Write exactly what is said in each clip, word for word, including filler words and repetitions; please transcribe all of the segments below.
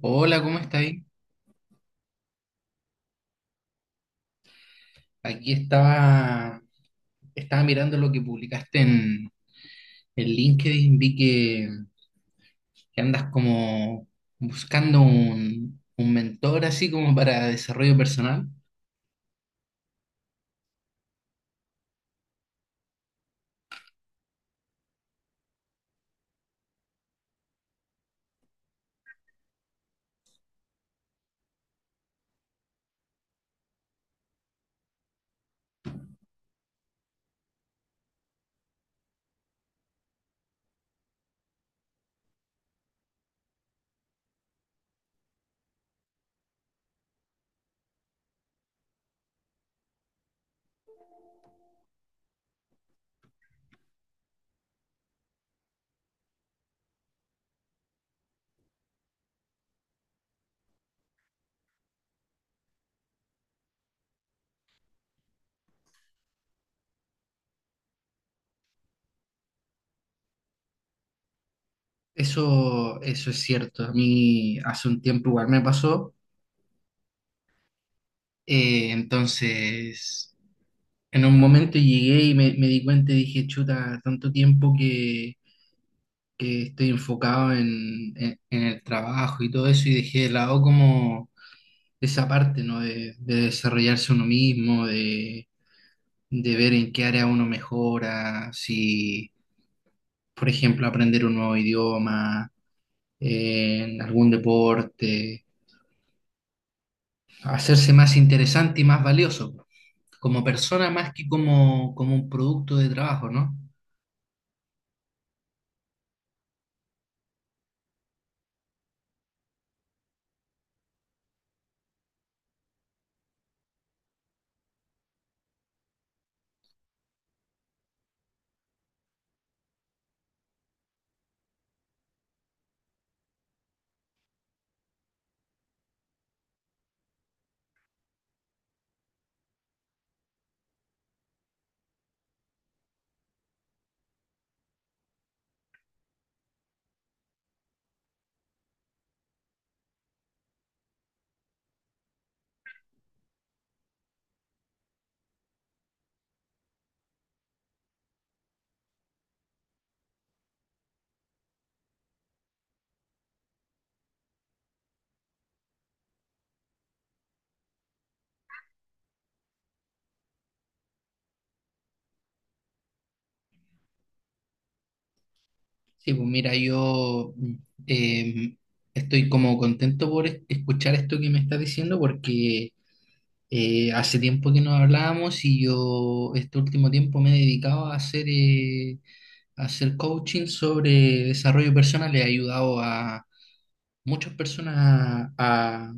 Hola, ¿cómo estáis? Aquí estaba, estaba mirando lo que publicaste en, en LinkedIn, vi que, que andas como buscando un, un mentor así como para desarrollo personal. Eso, eso es cierto, a mí hace un tiempo igual me pasó. Eh, entonces en un momento llegué y me, me di cuenta y dije, chuta, tanto tiempo que, que estoy enfocado en, en en el trabajo y todo eso y dejé de lado como de esa parte, ¿no? De, de desarrollarse uno mismo, de, de ver en qué área uno mejora, si, por ejemplo, aprender un nuevo idioma, eh, en algún deporte, hacerse más interesante y más valioso, como persona más que como, como un producto de trabajo, ¿no? Sí, pues mira, yo eh, estoy como contento por es- escuchar esto que me estás diciendo porque Eh, hace tiempo que no hablábamos y yo este último tiempo me he dedicado a hacer, eh, a hacer coaching sobre desarrollo personal. He ayudado a muchas personas a,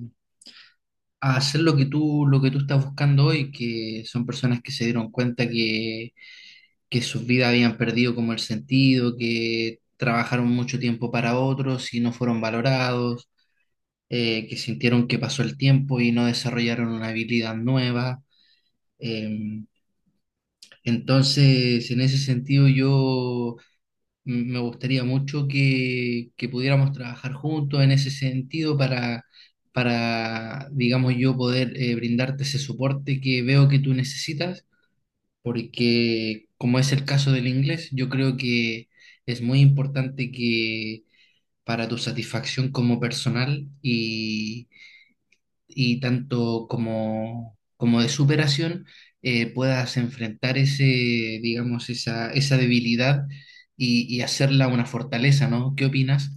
a hacer lo que tú, lo que tú estás buscando hoy, que son personas que se dieron cuenta que, que sus vidas habían perdido como el sentido, que trabajaron mucho tiempo para otros y no fueron valorados, eh, que sintieron que pasó el tiempo y no desarrollaron una habilidad nueva. Em, Entonces, en ese sentido, yo mm, me gustaría mucho que, que pudiéramos trabajar juntos en ese sentido para, para digamos, yo poder eh, brindarte ese soporte que veo que tú necesitas, porque como es el caso del inglés, yo creo que es muy importante que para tu satisfacción como personal y y tanto como, como de superación eh, puedas enfrentar ese, digamos, esa, esa debilidad y, y hacerla una fortaleza, ¿no? ¿Qué opinas?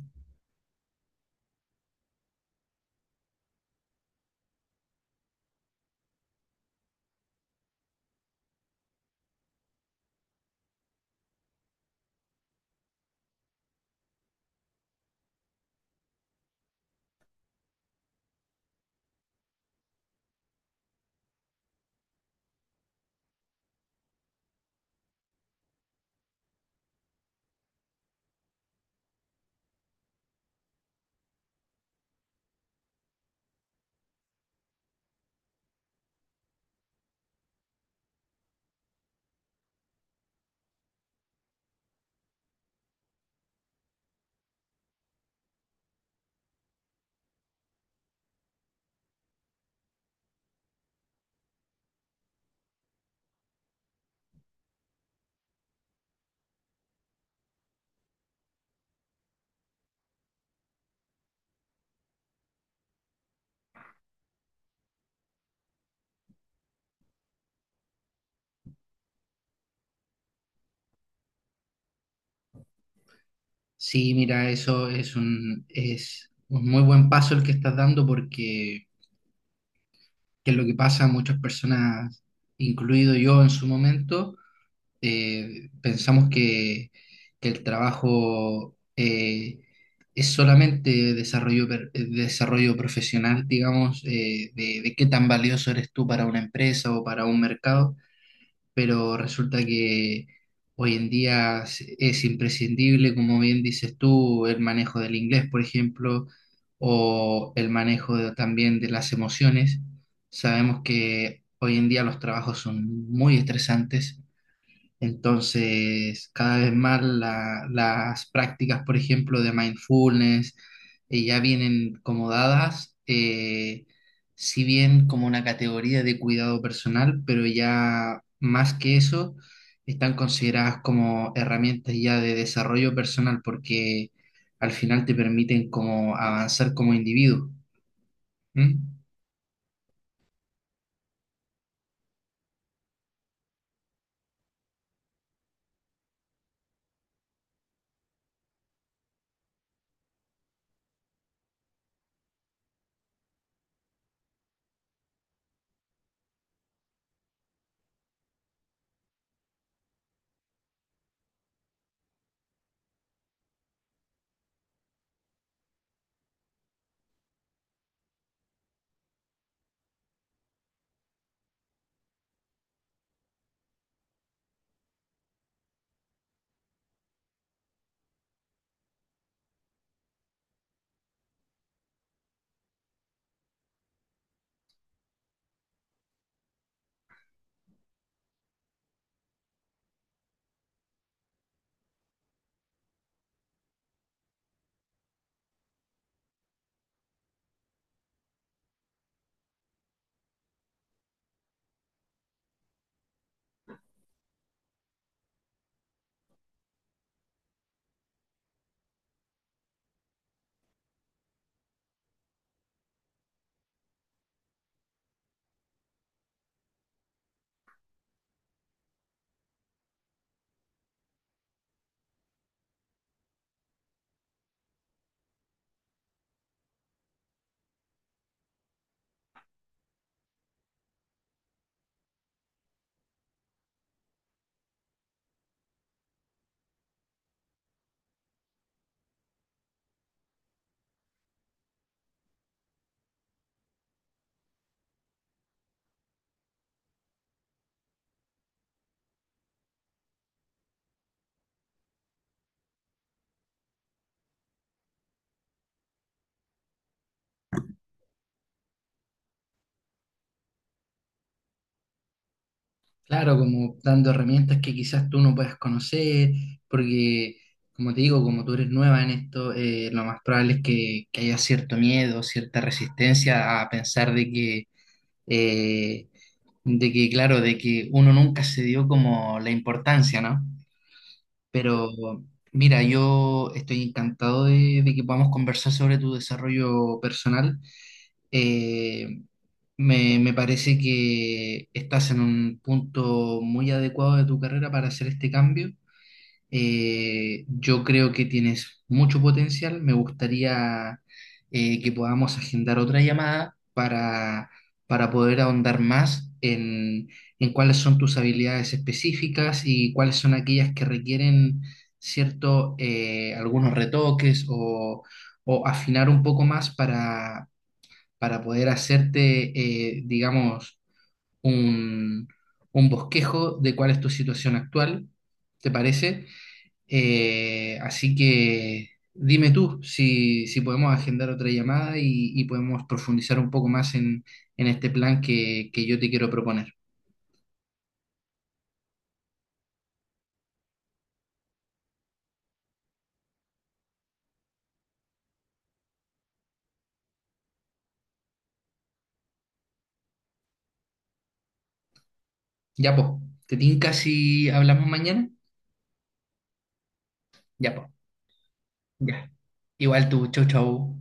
Sí, mira, eso es un, es un muy buen paso el que estás dando porque que es lo que pasa a muchas personas, incluido yo en su momento eh, pensamos que, que el trabajo eh, es solamente desarrollo, per- eh, desarrollo profesional, digamos, eh, de, de qué tan valioso eres tú para una empresa o para un mercado, pero resulta que hoy en día es es imprescindible, como bien dices tú, el manejo del inglés, por ejemplo, o el manejo de- también de las emociones. Sabemos que hoy en día los trabajos son muy estresantes entonces, cada vez más la- las prácticas, por ejemplo, de mindfulness, eh, ya vienen como dadas, eh, si bien como una categoría de cuidado personal, pero ya más que eso, están consideradas como herramientas ya de desarrollo personal porque al final te permiten como avanzar como individuo. ¿M? Claro, como dando herramientas que quizás tú no puedas conocer, porque como te digo, como tú eres nueva en esto, eh, lo más probable es que, que haya cierto miedo, cierta resistencia a pensar de que, eh, de que, claro, de que uno nunca se dio como la importancia, ¿no? Pero mira, yo estoy encantado de, de que podamos conversar sobre tu desarrollo personal. Eh, me, me parece que estás en un punto muy adecuado de tu carrera para hacer este cambio. Eh, yo creo que tienes mucho potencial. Me gustaría eh, que podamos agendar otra llamada para, para poder ahondar más en, en cuáles son tus habilidades específicas y cuáles son aquellas que requieren cierto, eh, algunos retoques o, o afinar un poco más para poder hacerte, eh, digamos, un, un bosquejo de cuál es tu situación actual, ¿te parece? Eh, así que dime tú si, si podemos agendar otra llamada y, y podemos profundizar un poco más en, en este plan que, que yo te quiero proponer. Ya, po, ¿te tinca si hablamos mañana? Ya, po, ya. Igual tú, chau, chau.